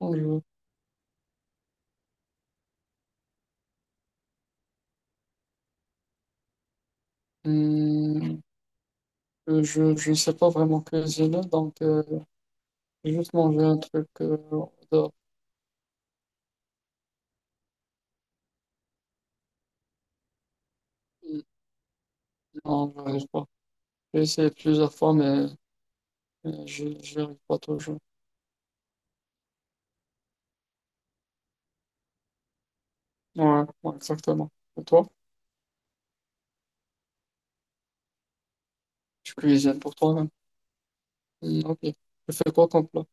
Je, hum, je sais pas vraiment cuisiner, donc j'ai juste manger un truc dehors. Non, j'arrive pas. J'ai essayé plusieurs fois, mais j'y arrive pas toujours. Ouais, ouais, exactement. Et toi, tu cuisines pour toi-même. Ok. Tu fais quoi comme plat?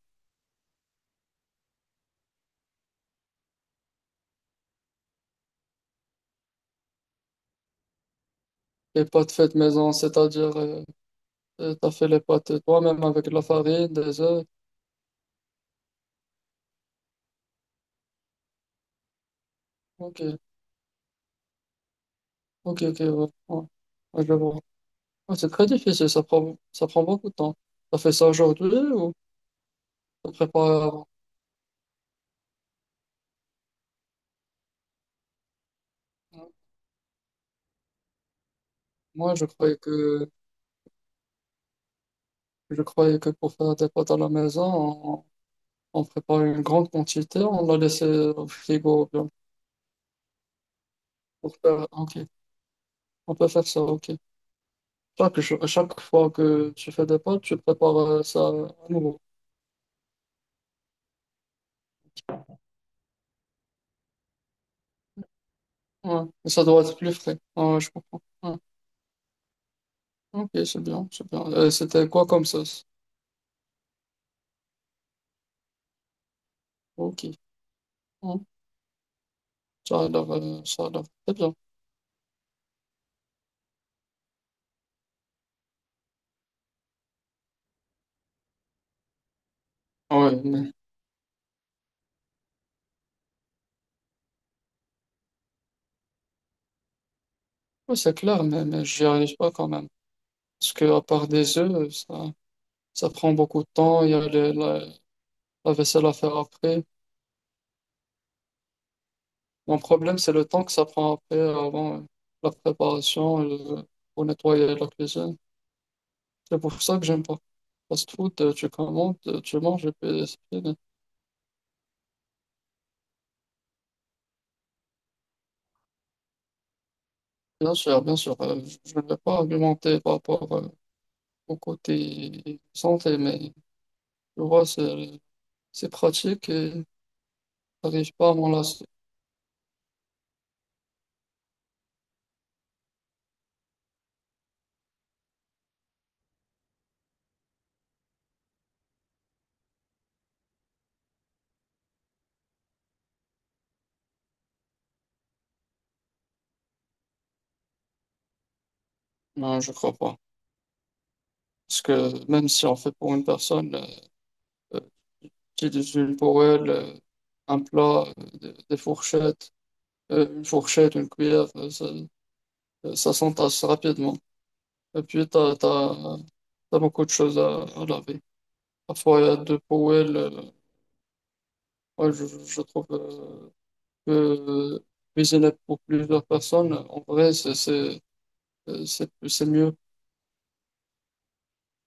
Les pâtes faites maison, c'est-à-dire t'as fait les pâtes toi-même avec de la farine, des œufs. Ok, ok, ok, ouais, ouais. Ouais, je vois. Ouais, c'est très difficile, ça prend beaucoup de temps. T'as fait ça aujourd'hui ou se prépare? Moi, je croyais que pour faire des pâtes à la maison, on prépare une grande quantité, on la laisse au frigo bien. Pour faire, ah, ok, on peut faire ça, ok. Chaque fois que tu fais des pâtes, tu prépares ça à nouveau. Ouais. Et ça doit être plus frais. Ouais, je comprends. Ouais. Ok, c'est bien, c'est bien. C'était quoi comme sauce? Ok. Ouais. Ça a l'air très bien. Ouais, mais, ouais, c'est clair, mais j'y arrive pas quand même. Parce que à part des œufs, ça. Ça prend beaucoup de temps. Il y a la vaisselle à faire après. Mon problème, c'est le temps que ça prend après, avant la préparation, pour nettoyer la cuisine. C'est pour ça que j'aime pas. Fast food, tu commandes, tu manges et puis c'est fini. Bien sûr, bien sûr. Je ne vais pas argumenter par rapport au côté santé, mais tu vois, c'est pratique et j'arrive pas à m'en lasser. Non, je crois pas. Parce que même si on fait pour une personne, j'ai des huiles pour elle, un plat, euh, des fourchettes, une fourchette, une cuillère, ça s'entasse rapidement. Et puis, t'as beaucoup de choses à laver. Parfois, il y a deux poêles. Moi, je trouve que cuisiner pour plusieurs personnes, en vrai, c'est mieux.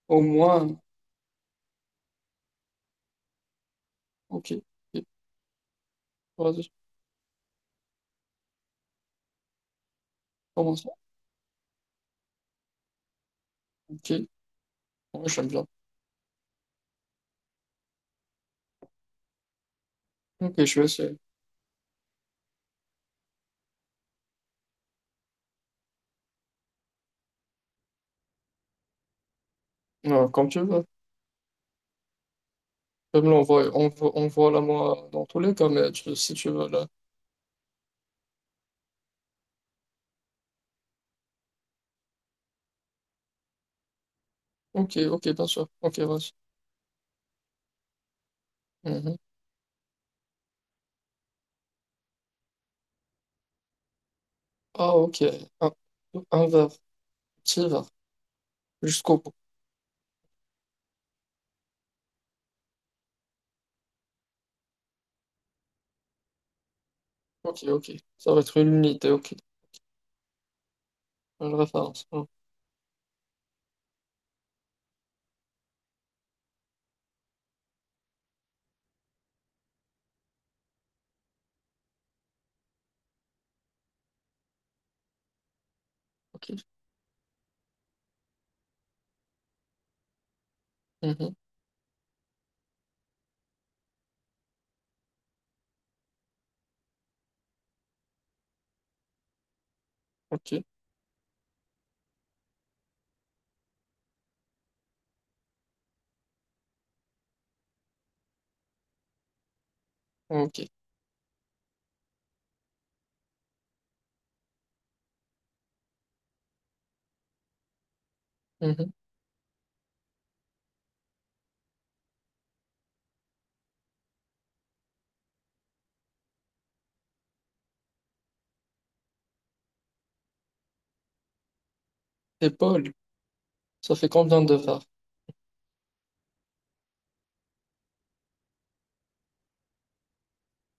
Au moins, ok, ok, vas-y, comment ça? Ok, ouais, j'aime bien. Ok, je vais essayer. Comme tu veux. Je là, on voit, la moi dans tous les cas, mais tu- si tu veux là. Ok, ok, bien sûr. Ok, vas-y. Mhm. Ah, ok. Un, un verre, petit verre, jusqu'au bout. Ok, ok. Ça va être une unité, ok. Une référence. Oh, ok. Mhm. Ok, ok. Mhm. Épaule, ça fait combien de verres?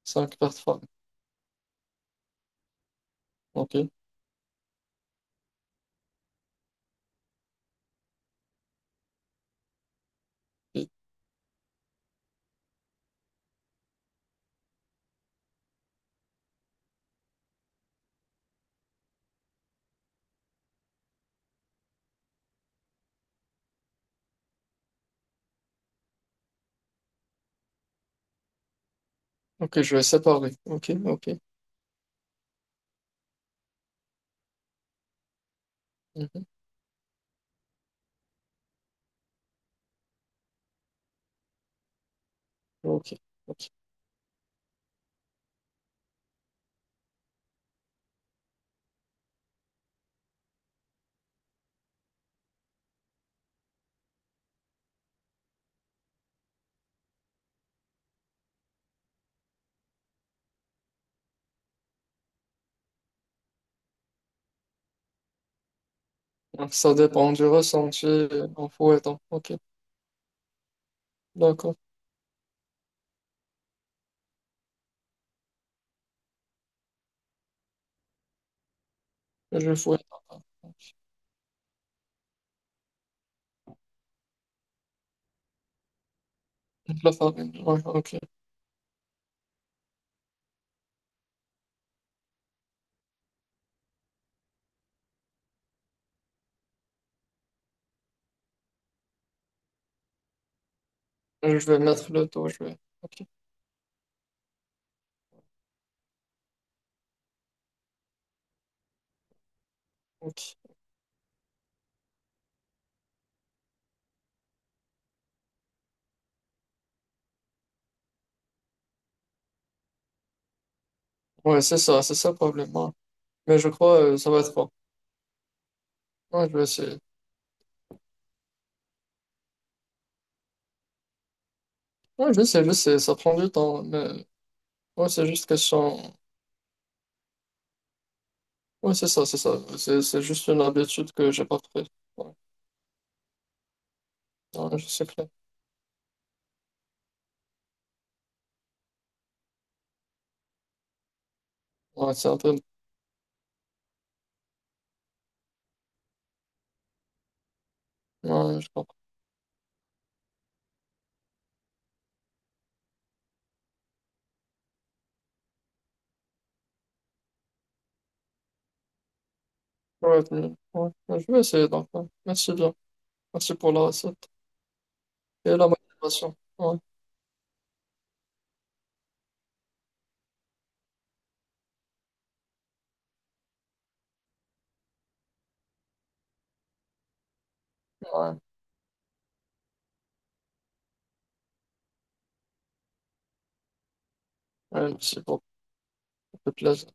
Cinq par trois. Ok. Ok, ok, je vais séparer. Ok, ok. Mhm. Ok, ok. Donc, ça dépend du ressenti en fouettant. Ok, d'accord. Je fouette. La farine, ouais, ok. Je vais mettre le dos, je vais. Ok, ok. Ouais, c'est ça le problème, ouais. Mais je crois ça va être bon. Ouais, je vais essayer. Ouais, je sais, ça prend du temps. Mais ouais, c'est juste question. Ouais, c'est ça, c'est ça. C'est juste une habitude que j'ai pas prise. Ouais, ouais, je sais clair. Ouais, c'est un peu. Ouais, je comprends. Ouais, mais je vais essayer donc, ouais. Merci bien. Merci pour la recette et la motivation. Ouais, ouais. Ouais, merci beaucoup. Ça fait plaisir.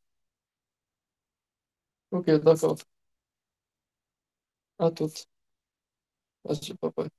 Ok, d'accord. À toutes. Vas-y, bye bye.